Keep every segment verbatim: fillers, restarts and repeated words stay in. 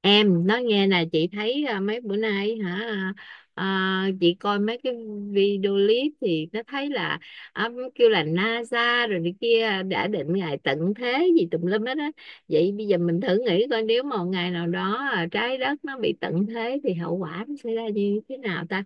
Em nói nghe nè, chị thấy à, mấy bữa nay hả? À, à, chị coi mấy cái video clip thì nó thấy là, à, kêu là NASA rồi này kia đã định ngày tận thế gì tùm lum hết á. Vậy bây giờ mình thử nghĩ coi nếu mà một ngày nào đó, à, trái đất nó bị tận thế thì hậu quả nó sẽ ra như thế nào ta?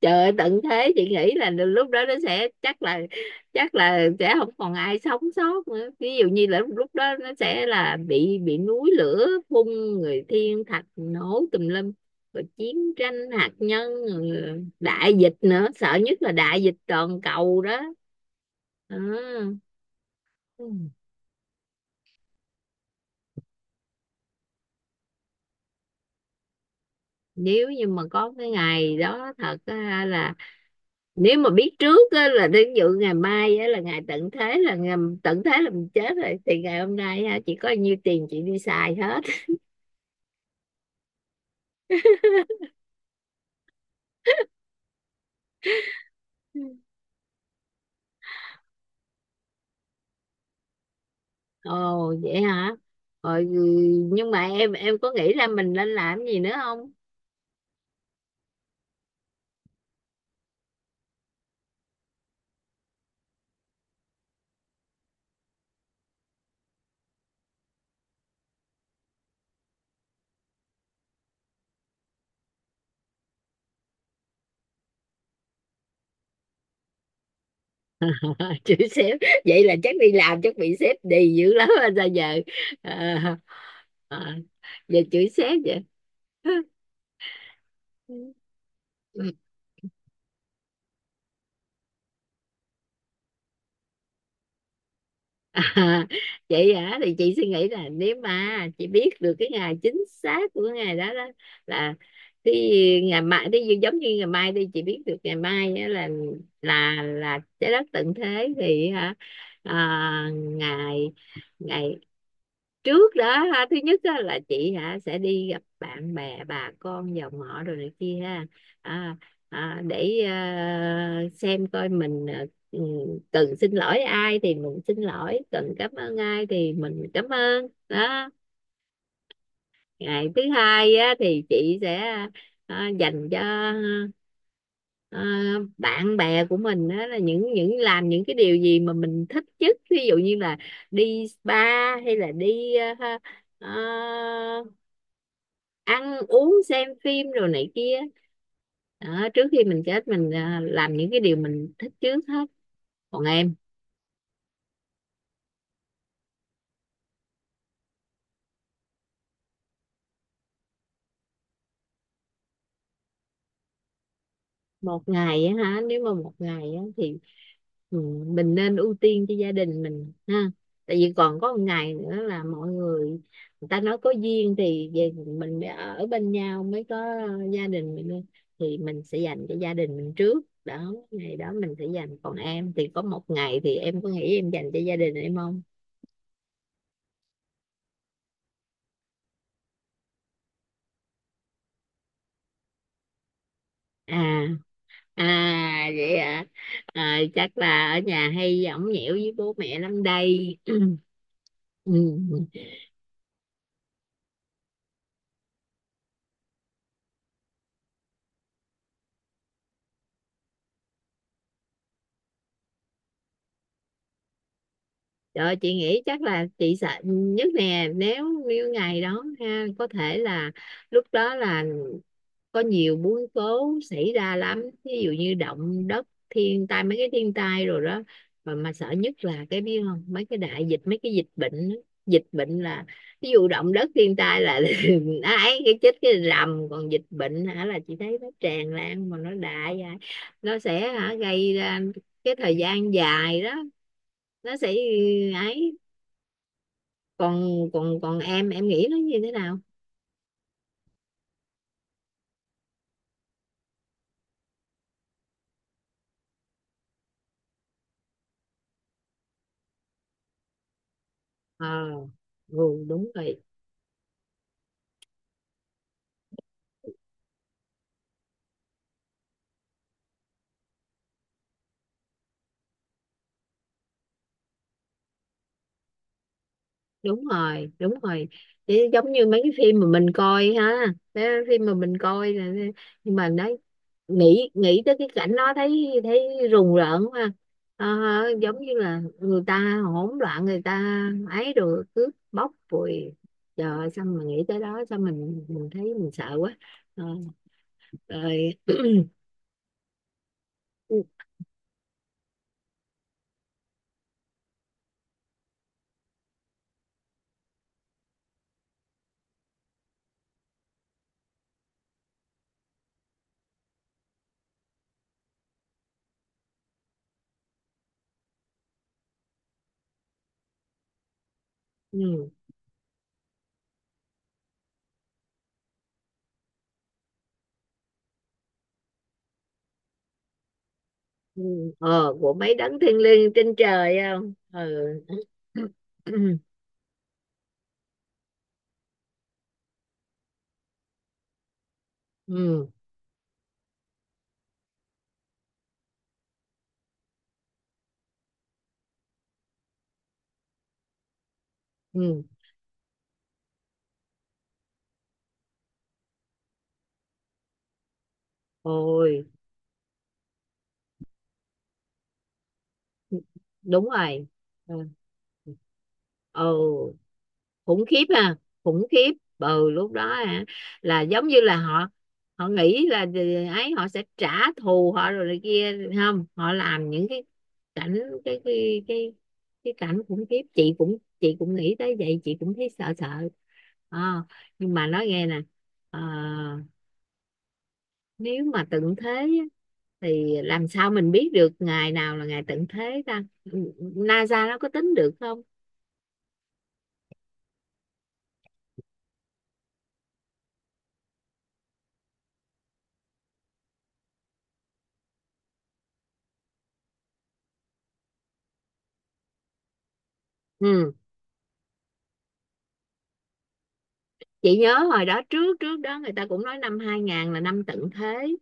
Trời ơi, tận thế chị nghĩ là lúc đó nó sẽ, chắc là chắc là sẽ không còn ai sống sót nữa. Ví dụ như là lúc đó nó sẽ là bị bị núi lửa phun, người thiên thạch nổ tùm lum, rồi chiến tranh hạt nhân, rồi đại dịch nữa. Sợ nhất là đại dịch toàn cầu đó. Ờ. Ừ. Nếu như mà có cái ngày đó thật á, là nếu mà biết trước á, là đến dự ngày mai á, là ngày tận thế, là ngày tận thế là mình chết rồi thì ngày hôm nay ha, chỉ có nhiêu tiền chị đi xài hết. Ừ. Ồ vậy hả? Rồi, ừ, nhưng mà em em có nghĩ ra mình nên làm gì nữa không? Chữ sếp? Vậy là chắc đi làm chắc bị sếp đì dữ lắm rồi sao giờ? à, à, Giờ chữ sếp vậy. Ừ. À, chị hả thì chị suy nghĩ là nếu mà chị biết được cái ngày chính xác của ngày đó đó, là cái ngày mai, cái gì giống như ngày mai đi, chị biết được ngày mai á, là là là trái đất tận thế thì hả, à, ngày ngày trước đó ha, thứ nhất á, là chị hả sẽ đi gặp bạn bè, bà con dòng họ rồi này kia ha, à, à, để ờ, xem coi mình, ờ, ừ, cần xin lỗi ai thì mình xin lỗi, cần cảm ơn ai thì mình cảm ơn đó. Ngày thứ hai á, thì chị sẽ, à, dành cho, à, bạn bè của mình á, là những những làm những cái điều gì mà mình thích nhất. Ví dụ như là đi spa, hay là đi, à, ha, à, ăn uống, xem phim rồi này kia. Đó, trước khi mình chết mình, à, làm những cái điều mình thích trước hết. Còn em? Một ngày á hả? Nếu mà một ngày á thì, ừ, mình nên ưu tiên cho gia đình mình ha. Tại vì còn có một ngày nữa là mọi người, người ta nói có duyên thì về mình mới ở bên nhau, mới có gia đình mình, thì mình sẽ dành cho gia đình mình trước đó. Ngày đó mình sẽ dành. Còn em thì có một ngày thì em có nghĩ em dành cho gia đình em không? À à vậy à, à chắc là ở nhà hay ổng nhẽo với bố mẹ lắm đây. Ừ. Trời, chị nghĩ chắc là chị sợ nhất nè, nếu như ngày đó ha, có thể là lúc đó là có nhiều biến cố xảy ra lắm. Ví dụ như động đất, thiên tai, mấy cái thiên tai rồi đó, mà mà sợ nhất là cái, biết không, mấy cái đại dịch, mấy cái dịch bệnh á. Dịch bệnh là, ví dụ động đất thiên tai là ấy, cái chết cái rầm, còn dịch bệnh hả là chị thấy nó tràn lan, mà nó đại vậy, nó sẽ hả gây ra cái thời gian dài đó, nó sẽ ấy. Còn, còn còn em em nghĩ nó như thế nào? Ờ. Ừ. Đúng rồi, đúng rồi, đúng rồi. Chứ giống như mấy cái phim mà mình coi ha, mấy cái phim mà mình coi là- nhưng mà đấy, nghĩ nghĩ tới cái cảnh đó thấy thấy rùng rợn quá ha. Ờ, giống như là người ta hỗn loạn, người ta ấy, rồi cướp bóc rồi. Trời ơi, sao mà nghĩ tới đó sao mình mình thấy mình sợ quá. Ờ, rồi. Ừ. Ừ, ờ, của mấy đấng thiêng liêng trên trời không? Ừ. Ừ. Ừ. Ừ. Ôi, đúng rồi. Ừ. Ừ. Khủng khiếp ha. Khủng khiếp. Ừ, lúc đó hả, là giống như là họ họ nghĩ là ấy, họ sẽ trả thù họ rồi này kia, không họ làm những cái cảnh, cái cái cái cái cảnh khủng khiếp. Chị cũng chị cũng nghĩ tới vậy, chị cũng thấy sợ sợ. Ờ, nhưng mà nói nghe nè, ờ, nếu mà tận thế á, thì làm sao mình biết được ngày nào là ngày tận thế ta? NASA nó có tính được không? Ừ, chị nhớ hồi đó, trước trước đó người ta cũng nói năm hai không không không là năm tận thế,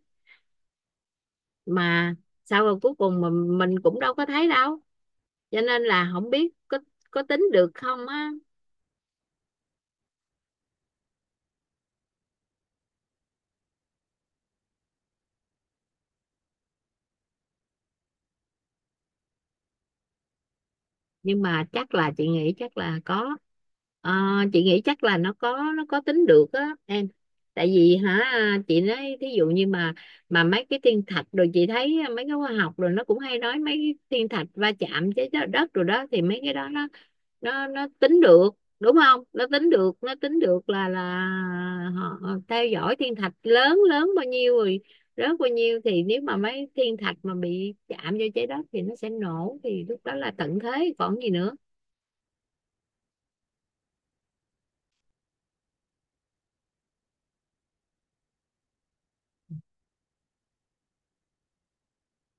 mà sau rồi cuối cùng mà mình cũng đâu có thấy đâu, cho nên là không biết có có tính được không á. Nhưng mà chắc là chị nghĩ chắc là có. Ờ, chị nghĩ chắc là nó có nó có tính được á em. Tại vì hả, chị nói thí dụ như mà mà mấy cái thiên thạch rồi, chị thấy mấy cái khoa học rồi, nó cũng hay nói mấy cái thiên thạch va chạm với đất đất rồi đó, thì mấy cái đó nó, nó nó tính được đúng không? Nó tính được, nó tính được là là họ theo dõi thiên thạch lớn lớn bao nhiêu rồi, rớt bao nhiêu, thì nếu mà mấy thiên thạch mà bị chạm vô trái đất thì nó sẽ nổ, thì lúc đó là tận thế còn gì nữa.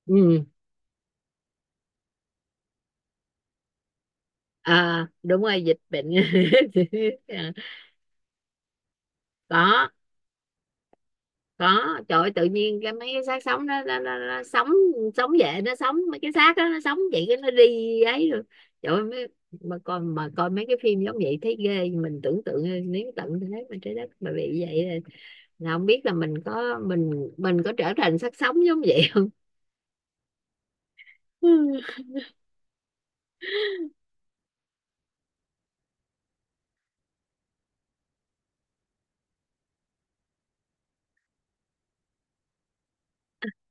Ừ. À, đúng rồi, dịch bệnh. Có, có. Trời ơi, tự nhiên cái mấy cái xác sống đó nó, nó, nó sống sống về, nó sống, mấy cái xác đó nó sống vậy, cái nó đi ấy rồi. Trời ơi, mấy, mà coi mà coi mấy cái phim giống vậy thấy ghê. Mình tưởng tượng nếu tận thế mà trái đất mà bị vậy là, là không biết là mình có, mình mình có trở thành xác sống giống vậy không.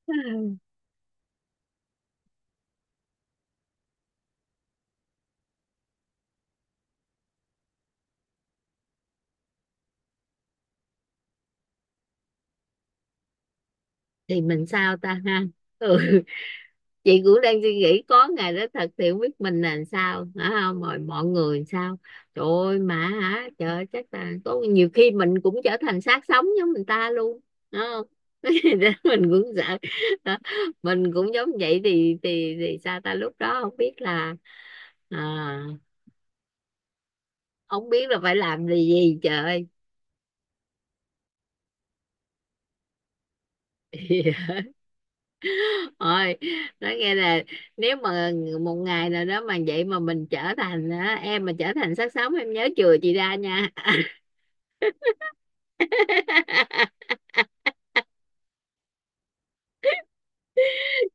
Thì mình sao ta ha? Ừ, chị cũng đang suy nghĩ có ngày đó thật thì không biết mình là làm sao hả, không mọi mọi người làm sao. Trời ơi, mà hả, trời ơi, chắc là có nhiều khi mình cũng trở thành xác sống giống người ta luôn đúng không? Để mình cũng sợ. Hả? Mình cũng giống vậy thì, thì thì sao ta? Lúc đó không biết là, à, không biết là phải làm gì, gì trời ơi. Ôi, nói nghe là, nếu mà một ngày nào đó mà vậy mà mình trở thành á, em mà trở thành xác sống em nhớ chừa chị ra nha.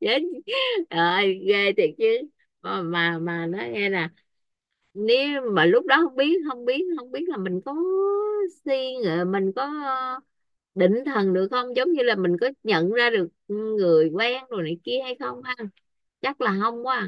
Chết rồi, ghê thiệt chứ. Mà mà mà nói nghe nè, nếu mà lúc đó không biết, không biết không biết là mình có suy nghĩ, mình có, ờ, định thần được không, giống như là mình có nhận ra được người quen rồi này kia hay không ha? Chắc là không quá à.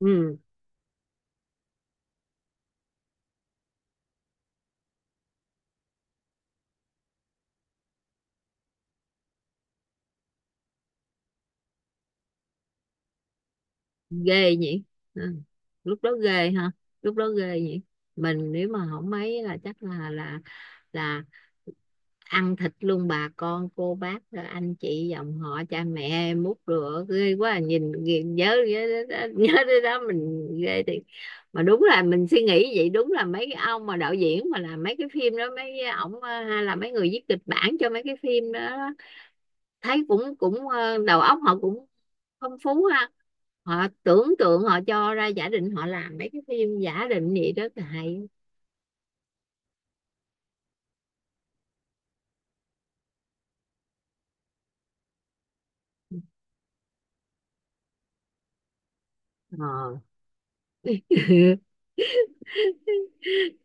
Ừ. Ghê nhỉ. Ừ. Lúc đó ghê ha. Lúc đó ghê nhỉ. Mình nếu mà không mấy là chắc là, là là ăn thịt luôn bà con, cô bác, anh chị, dòng họ, cha mẹ, mút rửa ghê quá à. Nhìn, nhìn nhớ, nhớ đến đó, nhớ đến đó mình ghê thì. Mà đúng là mình suy nghĩ vậy, đúng là mấy cái ông mà đạo diễn mà làm mấy cái phim đó, mấy ổng, ờ, hay là mấy người viết kịch bản cho mấy cái phim đó, thấy cũng cũng ờ, đầu óc họ cũng phong phú ha. Họ tưởng tượng, họ cho ra giả định, họ làm mấy cái phim giả định vậy đó là hay. Ờ.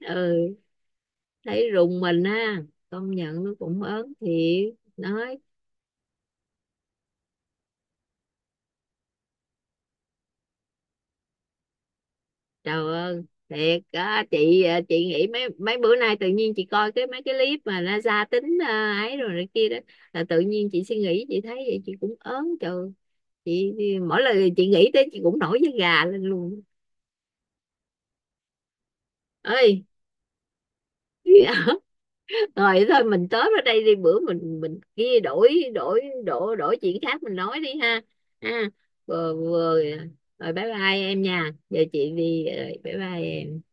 Ừ. Thấy rùng mình ha, công nhận nó cũng ớn thiệt nói. Trời ơi, thiệt á chị à, chị nghĩ mấy mấy bữa nay tự nhiên chị coi cái mấy cái clip mà NASA tính, à, ấy rồi này kia đó, là tự nhiên chị suy nghĩ, chị thấy vậy chị cũng ớn trời. Chị mỗi lần chị nghĩ tới chị cũng nổi da gà lên luôn. Ơi. Rồi thôi mình tới ở đây đi, bữa mình, mình kia đổi, đổi đổi đổi chuyện khác mình nói đi ha. Ha, vừa vừa rồi. Bye bye em nha, giờ chị đi rồi, bye bye em.